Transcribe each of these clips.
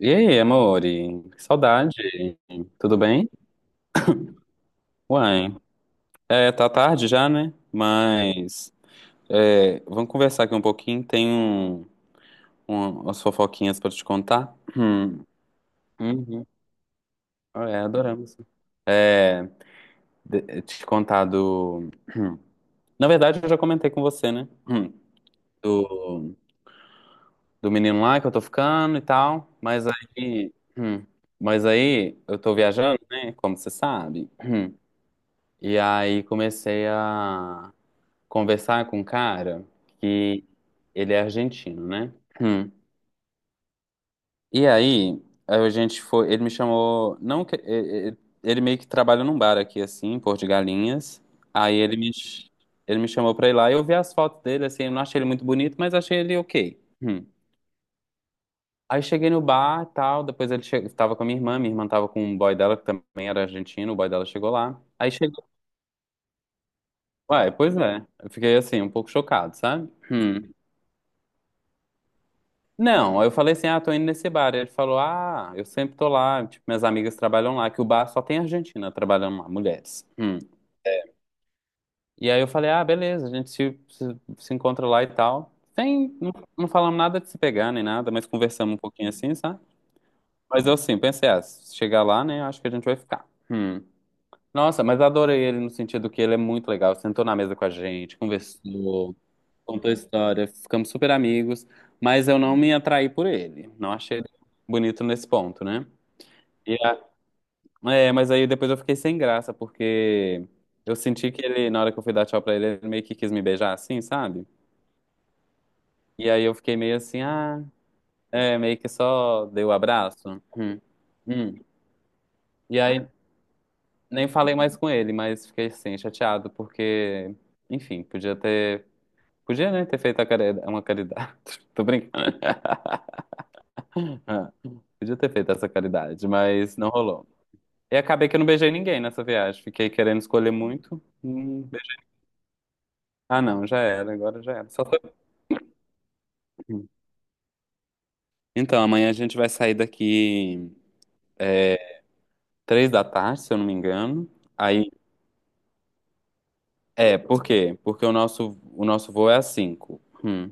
E aí, amore? Que saudade. Tudo bem? Uai. É, tá tarde já, né? Mas é, vamos conversar aqui um pouquinho. Tem umas fofoquinhas pra te contar. Hum. Uhum. É, adoramos. Te contar do. Hum. Na verdade, eu já comentei com você, né? Hum. Do, do menino lá que eu tô ficando e tal. Mas aí, mas aí eu tô viajando, né? Como você sabe. E aí comecei a conversar com um cara que ele é argentino, né? Hum. E aí, a gente foi, ele me chamou, não que- e- ele meio que trabalha num bar aqui assim, em Porto de Galinhas. Aí ele me ch- Ele me chamou pra ir lá, e eu vi as fotos dele assim, eu não achei ele muito bonito, mas achei ele OK. Hum. Aí cheguei no bar, tal, depois ele che... tava com a minha irmã tava com um boy dela que também era argentino, o boy dela chegou lá. Aí chegou, ué, pois é. Eu fiquei assim um pouco chocado, sabe? Hum. Não, aí eu falei assim, ah, tô indo nesse bar. Ele falou, ah, eu sempre tô lá, tipo, minhas amigas trabalham lá, que o bar só tem argentina trabalhando lá, mulheres. Hum. E aí eu falei, ah, beleza, a gente se encontra lá e tal. Sem, não, não falamos nada de se pegar nem nada, mas conversamos um pouquinho assim, sabe? Mas eu sim, pensei, ah, se chegar lá, né, acho que a gente vai ficar. Hum. Nossa, mas adorei ele no sentido que ele é muito legal, sentou na mesa com a gente, conversou. Contou a história, ficamos super amigos, mas eu não me atraí por ele. Não achei ele bonito nesse ponto, né? E a- É, mas aí depois eu fiquei sem graça, porque eu senti que ele, na hora que eu fui dar tchau pra ele, ele meio que quis me beijar assim, sabe? E aí eu fiquei meio assim, ah, é, meio que só dei o abraço. Hum. hum. E aí nem falei mais com ele, mas fiquei assim, chateado, porque, enfim, podia ter, podia, né, ter feito a uma caridade. Tô brincando. Ah, podia ter feito essa caridade, mas não rolou. E acabei que eu não beijei ninguém nessa viagem. Fiquei querendo escolher muito. Ah, não, já era, agora já era. Só foi... um. Então, amanhã a gente vai sair daqui é, 3 da tarde, se eu não me engano. Aí, é, por quê? Porque o nosso voo é às 5.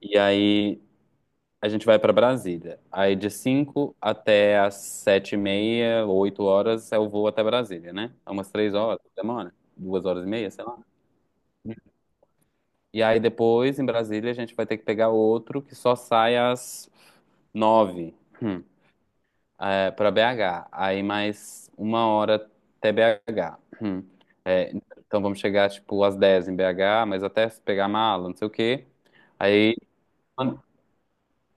E aí a gente vai pra Brasília. Aí de 5 até às 7h30, 8 horas é o voo até Brasília, né? É umas 3 horas, demora. 2 horas e meia, sei lá. E aí depois, em Brasília, a gente vai ter que pegar outro que só sai às 9, hum, é, para BH. Aí mais 1 hora até BH. É, então vamos chegar, tipo, às 10 em BH, mas até se pegar mala, não sei o quê. Aí...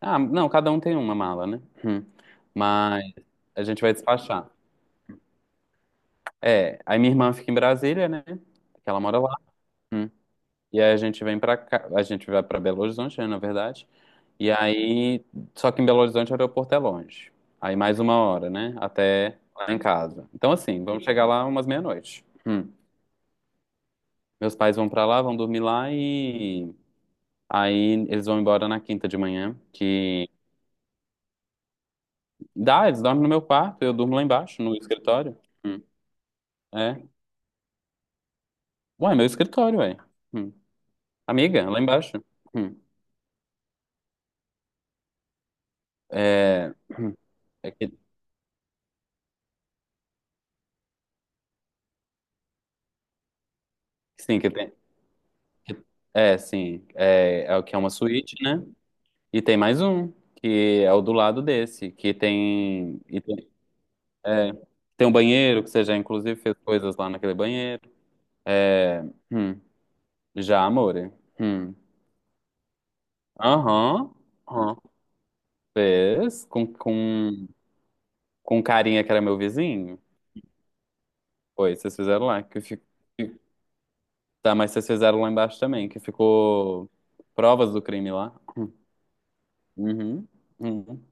Ah, não, cada um tem uma mala, né? Hum. Mas a gente vai despachar. É, aí minha irmã fica em Brasília, né? Que ela mora lá. Hum. E aí a gente vem pra cá, a gente vai pra Belo Horizonte, né, na verdade. E aí, só que em Belo Horizonte o aeroporto é longe. Aí mais uma hora, né? Até lá em casa. Então, assim, vamos chegar lá umas meia-noite. Hum. Meus pais vão pra lá, vão dormir lá e aí eles vão embora na quinta de manhã. Que dá, eles dormem no meu quarto, eu durmo lá embaixo, no escritório. Hum. É. Ué, meu escritório, ué. Hum. Amiga, lá embaixo. Hum. É, hum, é que, sim, que tem. É, sim. É, é o que é uma suíte, né? E tem mais um, que é o do lado desse, que tem. É, Tem um banheiro, que você já inclusive fez coisas lá naquele banheiro. É, hum, já, amore. Hum. Aham. Aham. Fez com um carinha que era meu vizinho. Foi, vocês fizeram lá. Que- Tá, mas vocês fizeram lá embaixo também, que ficou provas do crime lá. Hum. Uhum. Uhum.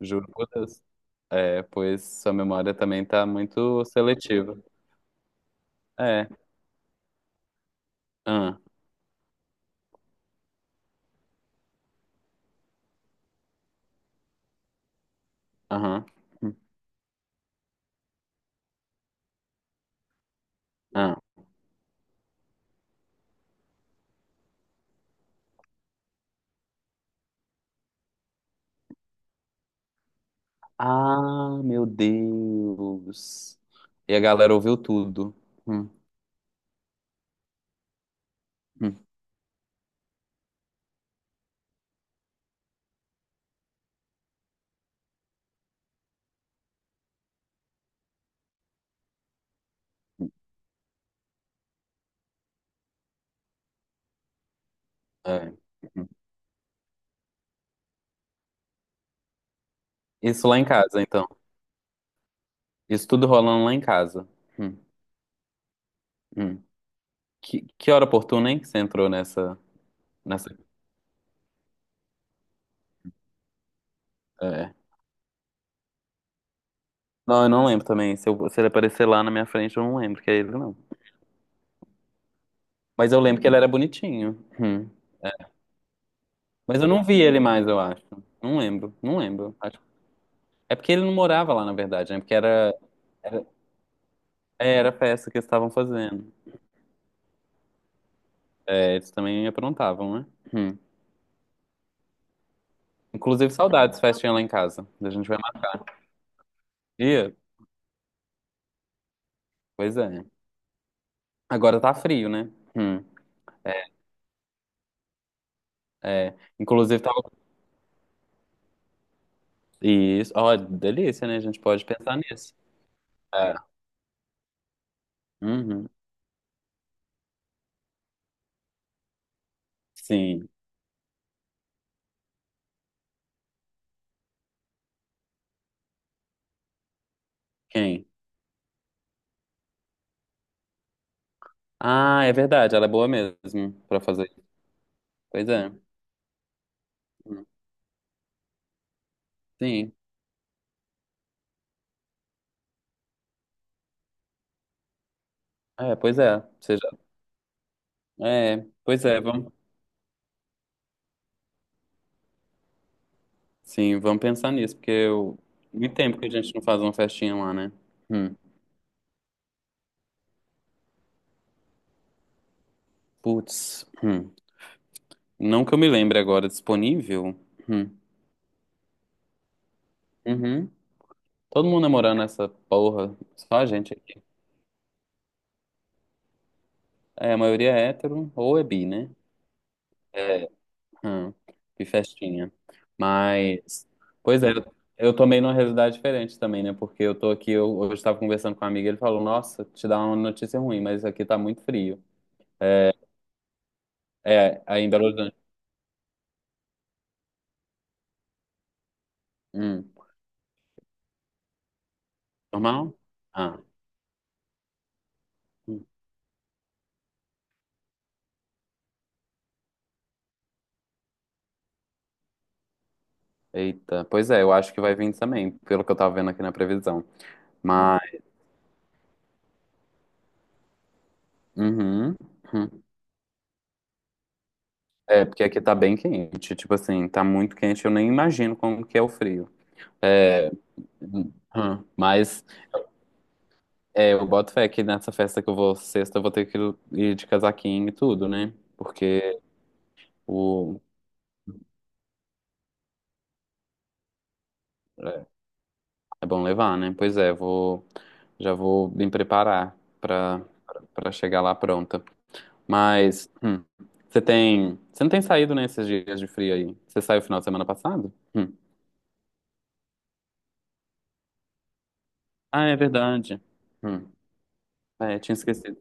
Juro por Deus. É, pois sua memória também tá muito seletiva. É. Aham. Ah. Ah, meu Deus. E a galera ouviu tudo. Hum, hum, é. Hum. Isso lá em casa, então. Isso tudo rolando lá em casa. Hum, hum. Que hora oportuna, hein, que você entrou nessa, nessa... é. Não, eu não lembro também. Se ele aparecer lá na minha frente, eu não lembro que é ele, não. Mas eu lembro que ele era bonitinho. Hum. Mas eu não vi ele mais, eu acho. Não lembro, não lembro. Acho- é porque ele não morava lá, na verdade, né? Porque era, era, é, era a festa que eles estavam fazendo. É, eles também aprontavam, né? Hum. Inclusive, saudades, festinha lá em casa. A gente vai mais dia. Pois é. Agora tá frio, né? Hum. É. Inclusive, tava. Isso. Ó, delícia, né? A gente pode pensar nisso. É. Uhum. Sim. Quem? Ah, é verdade. Ela é boa mesmo pra fazer isso. Pois é. Hum. Sim. É, pois é. Seja... É, pois é. Vamos... Sim, vamos pensar nisso, porque eu... muito tempo que a gente não faz uma festinha lá, né? Hum. Putz. Hum. Não que eu me lembre agora, disponível? Hum. Uhum. Todo mundo namorando essa porra, só a gente aqui. É, a maioria é hétero ou é bi, né? Hum. Que festinha. Mas, pois é, eu tomei numa realidade diferente também, né? Porque eu tô aqui, eu, hoje estava conversando com um amigo, ele falou, nossa, te dá uma notícia ruim, mas aqui tá muito frio. É, aí em Belo Horizonte. Hum. Normal? Ah. hum. Eita, pois é, eu acho que vai vir também, pelo que eu tava vendo aqui na previsão. Mas, uhum. Hum. É, porque aqui tá bem quente, tipo assim, tá muito quente, eu nem imagino como que é o frio. É, mas é, eu boto fé que nessa festa que eu vou sexta, eu vou ter que ir de casaquinho e tudo, né? Porque o, é, é bom levar, né? Pois é, vou, já vou me preparar pra, pra chegar lá pronta. Mas, você tem, você não tem saído nesses dias de frio aí? Você saiu final de semana passado? Hum. Ah, é verdade. Hum. É, tinha esquecido.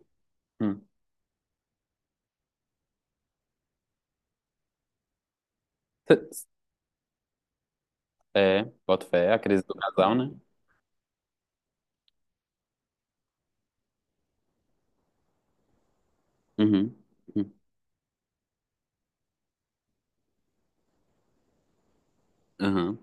Hum. É, boto fé, a crise do casal, né? Uhum. Uhum.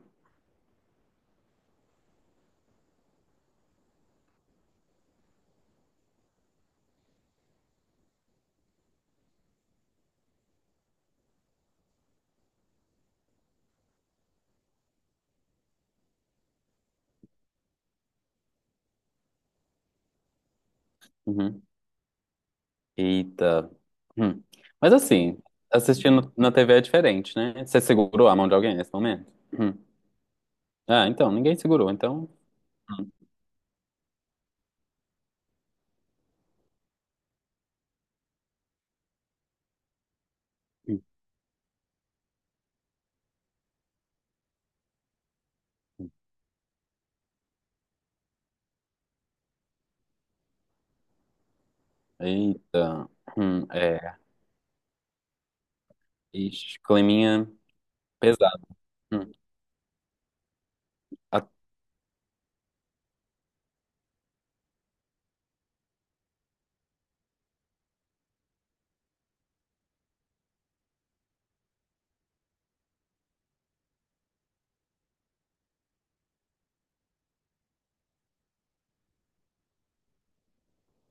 Uhum. Eita. Hum. Mas assim, assistindo na TV é diferente, né? Você segurou a mão de alguém nesse momento? Hum. Ah, então, ninguém segurou, então. Hum. Eita. Hum. É. Ixi, climinha pesado. Hum. A-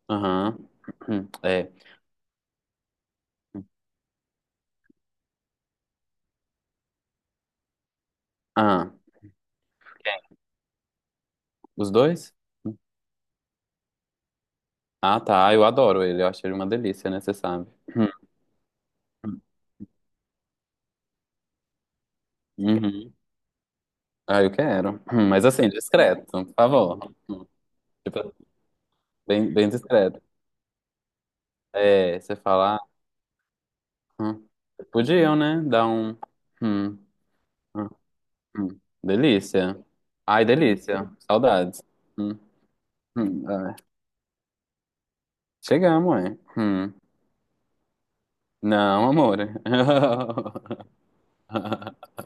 Aham. Hum. É. Ah, quem? Os dois? Ah, tá. Ah, eu adoro ele, eu acho ele uma delícia, né? Você sabe. Hum. Hum. Uhum. Ah, eu quero. Hum. Mas assim, discreto, por favor. Hum. Tipo, bem, bem discreto. É, você fala, ah, hum, podiam, né? Dar um, hum, hum, hum. Delícia. Ai, delícia. Saudades. Hum, ah, chegamos, é. Hum. Não, amor.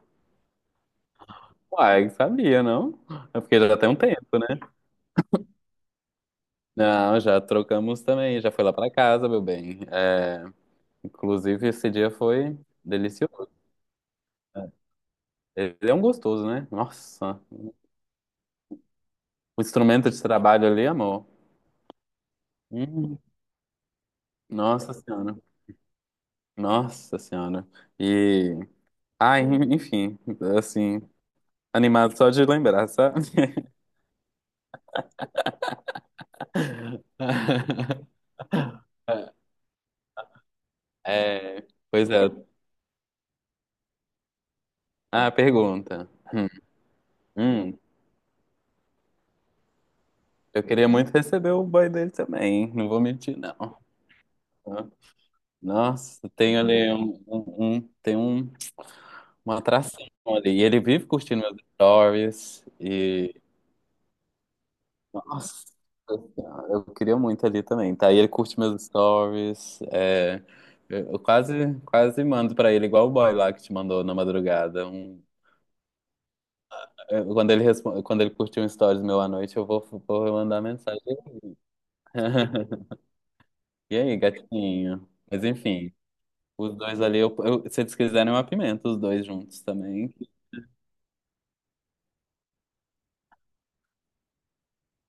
Uai, sabia, não? É porque já tem um tempo, né? Não, já trocamos também. Já foi lá pra casa, meu bem. É, inclusive, esse dia foi delicioso. Ele é um gostoso, né? Nossa. O instrumento de trabalho ali, amor. Hum, nossa senhora, nossa senhora. E, ai, enfim, assim, animado só de lembrar, sabe? É, pois é. Ah, pergunta. Hum, eu queria muito receber o boy dele também, hein? Não vou mentir, não. Nossa, tem ali uma atração ali. E ele vive curtindo meus stories. Nossa, senhora, eu queria muito ali também, tá? E ele curte meus stories, é, eu quase, quase mando pra ele, igual o boy lá que te mandou na madrugada. Um- é, quando ele, respo- quando ele curtiu um stories meu à noite, eu vou, vou mandar mensagem. E aí, gatinho? Mas enfim, os dois ali, se eles quiserem, eu apimento os dois juntos também.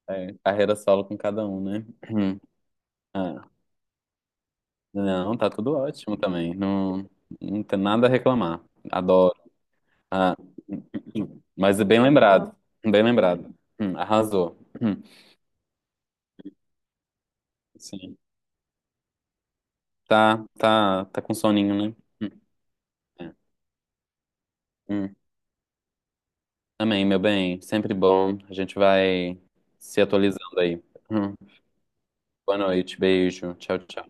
É, carreira solo com cada um, né? Ah, não, tá tudo ótimo também, não, não tem nada a reclamar. Adoro. Ah, hum. Mas é bem lembrado. Bem lembrado. Arrasou. Sim. Tá, tá, tá com soninho, né? É. Hum. Amém, meu bem. Sempre bom. A gente vai se atualizando aí. Hum. Boa noite. Beijo. Tchau, tchau.